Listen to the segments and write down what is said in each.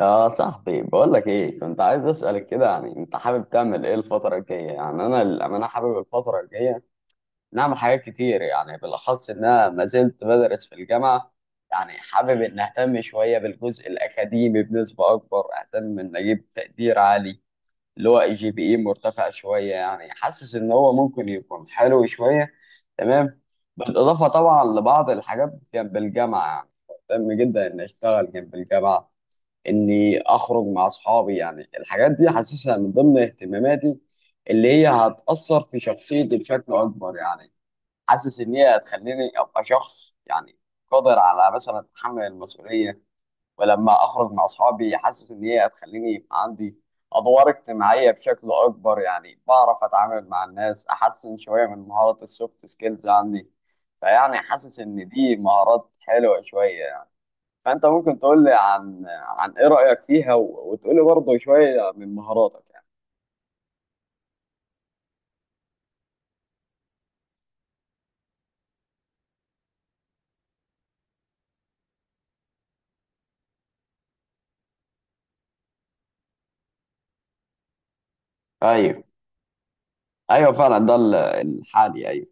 يا صاحبي، بقول لك ايه، كنت عايز اسالك كده، يعني انت حابب تعمل ايه الفتره الجايه؟ يعني انا للامانه حابب الفتره الجايه نعمل حاجات كتير، يعني بالاخص ان انا ما زلت بدرس في الجامعه. يعني حابب ان اهتم شويه بالجزء الاكاديمي بنسبه اكبر، اهتم ان اجيب تقدير عالي اللي هو GPA مرتفع شويه، يعني حاسس ان هو ممكن يكون حلو شويه. تمام. بالاضافه طبعا لبعض الحاجات جنب الجامعه يعني، مهتم جدا ان اشتغل جنب الجامعه، اني اخرج مع اصحابي. يعني الحاجات دي حاسسها من ضمن اهتماماتي اللي هي هتأثر في شخصيتي بشكل اكبر، يعني حاسس ان هي هتخليني ابقى شخص، يعني قادر على مثلا تحمل المسؤولية. ولما اخرج مع اصحابي حاسس ان هي هتخليني يبقى عندي ادوار اجتماعية بشكل اكبر، يعني بعرف اتعامل مع الناس احسن شوية من مهارة السوفت سكيلز عندي. فيعني حاسس ان دي مهارات حلوة شوية. فانت ممكن تقول لي عن ايه رايك فيها و- وتقول لي برضه شويه من مهاراتك يعني. ايوه، ايوه فعلا، ده ال- الحالي، ايوه.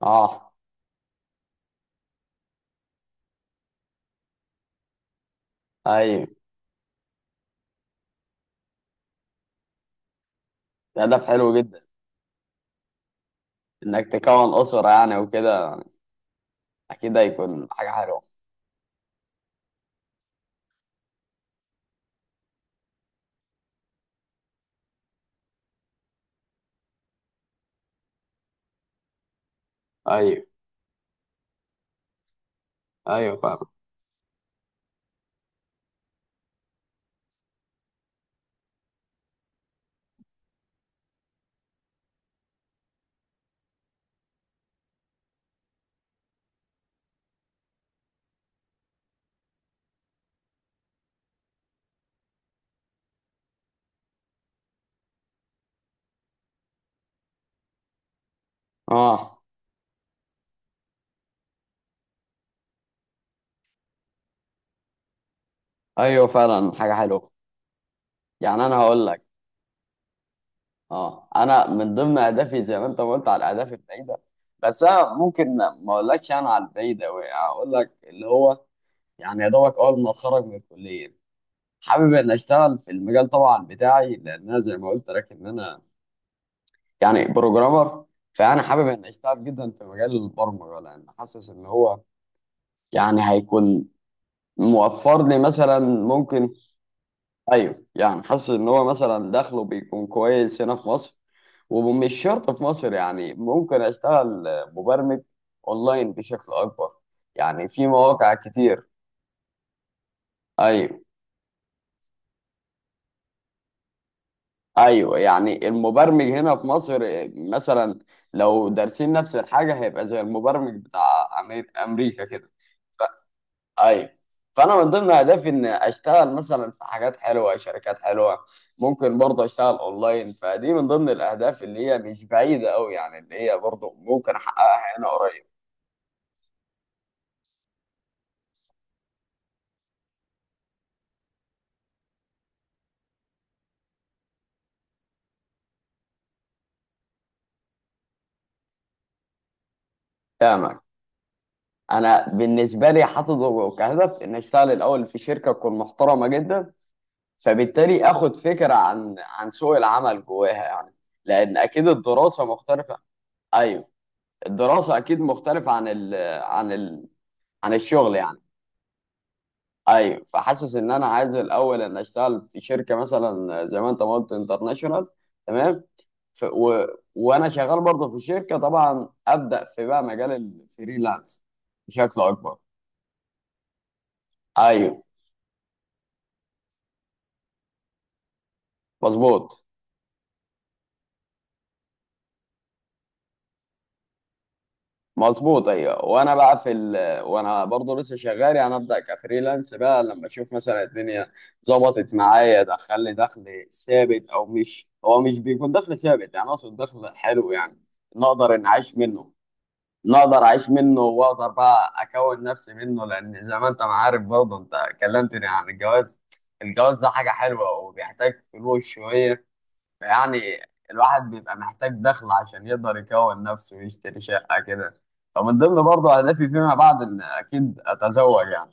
اه، ايوه. ده هدف حلو جدا، انك تكون اسره يعني وكده، اكيد هيكون حاجه حلوه. ايوه ايوه فعلا. اه، ايوه فعلا، حاجه حلوه. يعني انا هقول لك، اه، انا من ضمن اهدافي زي ما انت ما قلت على الاهداف البعيده، بس انا ممكن ما اقولكش انا على البعيده قوي، اقول لك اللي هو يعني يا دوبك اول ما اتخرج من الكليه، حابب ان اشتغل في المجال طبعا بتاعي، لان انا زي ما قلت لك ان انا يعني بروجرامر. فانا حابب ان اشتغل جدا في مجال البرمجه، لان حاسس ان هو يعني هيكون موفر لي مثلا، ممكن. ايوه، يعني حاسس ان هو مثلا دخله بيكون كويس هنا في مصر، ومش شرط في مصر، يعني ممكن اشتغل مبرمج اونلاين بشكل اكبر، يعني في مواقع كتير. ايوه، ايوه، يعني المبرمج هنا في مصر مثلا لو دارسين نفس الحاجه هيبقى زي المبرمج بتاع امريكا كده. ايوه. فانا من ضمن اهدافي ان اشتغل مثلا في حاجات حلوه، شركات حلوه، ممكن برضه اشتغل اونلاين، فدي من ضمن الاهداف اللي هي مش بعيده قوي، يعني اللي هي برضه ممكن احققها هنا قريب. فاهمك. انا بالنسبه لي حاطط كهدف ان اشتغل الاول في شركه تكون محترمه جدا، فبالتالي اخد فكره عن سوق العمل جواها يعني، لان اكيد الدراسه مختلفه. ايوه. الدراسه اكيد مختلفه عن ال عن الشغل يعني. ايوه، فحاسس ان انا عايز الاول ان اشتغل في شركه مثلا زي ما انت ما قلت انترناشونال. تمام. ف... و... وانا شغال برضه في الشركه، طبعا ابدا في بقى مجال الفريلانس بشكل اكبر. ايوه، مظبوط. مظبوط، ايوه. وانا بقى في ال... وانا برضه لسه شغال يعني ابدا كفريلانس بقى لما اشوف مثلا الدنيا ظبطت معايا، دخل لي دخل ثابت، او مش، هو مش بيكون دخل ثابت، يعني اقصد دخل حلو، يعني نقدر ان اعيش منه، نقدر اعيش منه واقدر بقى اكون نفسي منه. لان زي ما انت ما عارف برضه انت كلمتني عن الجواز، الجواز ده حاجه حلوه وبيحتاج فلوس شويه يعني، الواحد بيبقى محتاج دخل عشان يقدر يكون نفسه ويشتري شقة كده. فمن ضمن برضه أهدافي فيما بعد إن أكيد أتزوج يعني.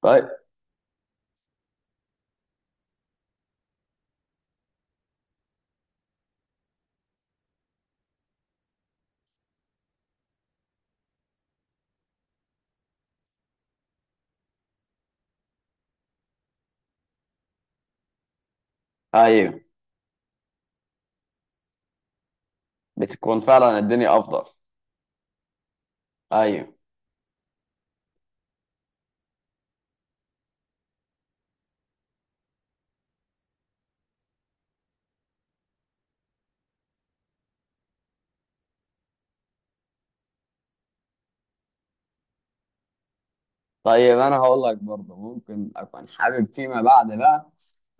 طيب. أيوه، بتكون فعلا الدنيا أفضل. أيوه. طيب، أنا هقول لك برضه ممكن أكون حابب فيما بعد بقى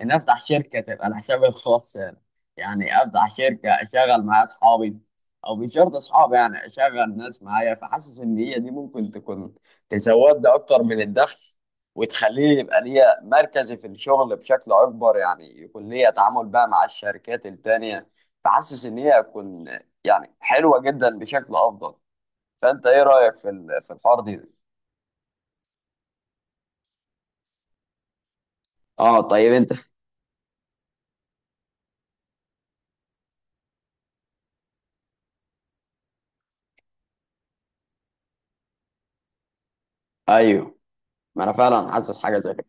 ان افتح شركه تبقى لحسابي الخاص، يعني افتح شركه اشغل معايا اصحابي، او مش شرط اصحابي يعني اشغل ناس معايا، فحاسس ان هي دي ممكن تكون تزود لي اكتر من الدخل وتخليه يبقى ليا مركزي في الشغل بشكل اكبر، يعني يكون ليا تعامل بقى مع الشركات التانيه. فحاسس ان هي هتكون يعني حلوه جدا بشكل افضل. فانت ايه رايك في الحوار دي؟ اه، طيب انت. ايوه، ما انا فعلا حاسس حاجه زي كده.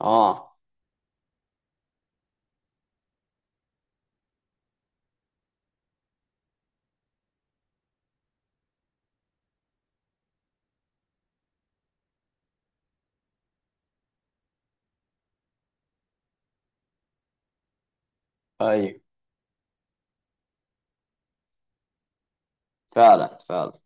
اه، ايوه فعلا فعلا.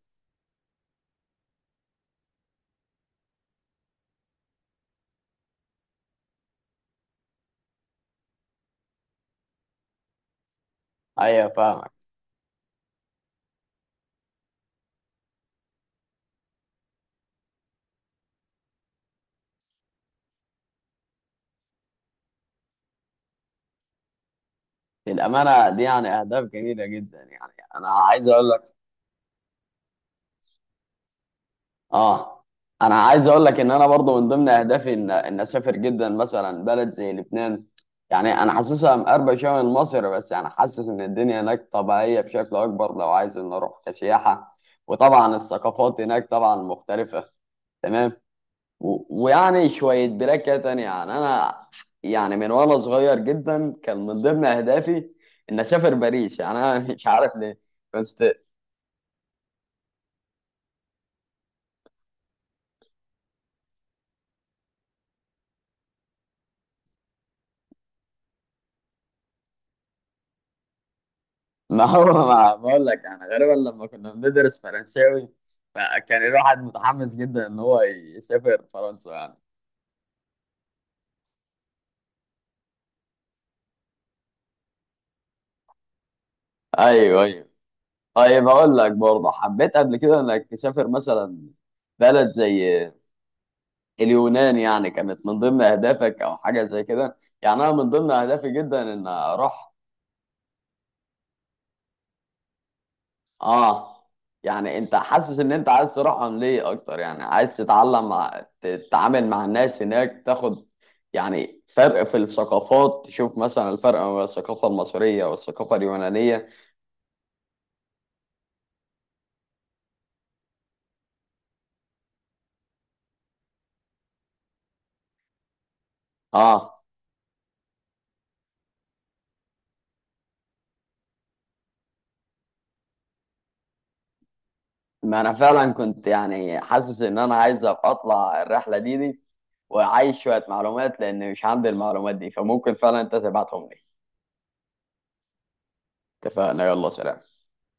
ايوه، فاهمك. الامانه دي يعني اهداف جميله جدا، يعني انا عايز اقول لك، اه، انا عايز اقول لك ان انا برضو من ضمن اهدافي ان ان اسافر جدا مثلا بلد زي لبنان، يعني انا حاسسها مقربه شويه من مصر بس، يعني حاسس ان الدنيا هناك طبيعيه بشكل اكبر، لو عايز ان اروح كسياحه. وطبعا الثقافات هناك طبعا مختلفه. تمام. و- ويعني شوية بركة تانية يعني، أنا يعني من وأنا صغير جدا كان من ضمن أهدافي إن أسافر باريس، يعني أنا مش عارف ليه كنت. ما هو ما بقول لك، يعني غالبا لما كنا بندرس فرنساوي فكان الواحد متحمس جدا إن هو يسافر فرنسا يعني. أيوه أيوه. طيب، أقول لك برضه حبيت قبل كده إنك تسافر مثلا بلد زي اليونان، يعني كانت من ضمن أهدافك أو حاجة زي كده؟ يعني أنا من ضمن أهدافي جدا إن أروح. اه، يعني انت حاسس ان انت عايز تروحهم ليه اكتر؟ يعني عايز تتعلم تتعامل مع الناس هناك، تاخد يعني فرق في الثقافات، تشوف مثلا الفرق ما بين الثقافة المصرية والثقافة اليونانية. اه، ما انا فعلا كنت يعني حاسس ان انا عايز أبقى اطلع الرحلة دي، وعايز شوية معلومات لان مش عندي المعلومات دي، فممكن فعلا انت تبعتهم لي. اتفقنا، يلا سلام.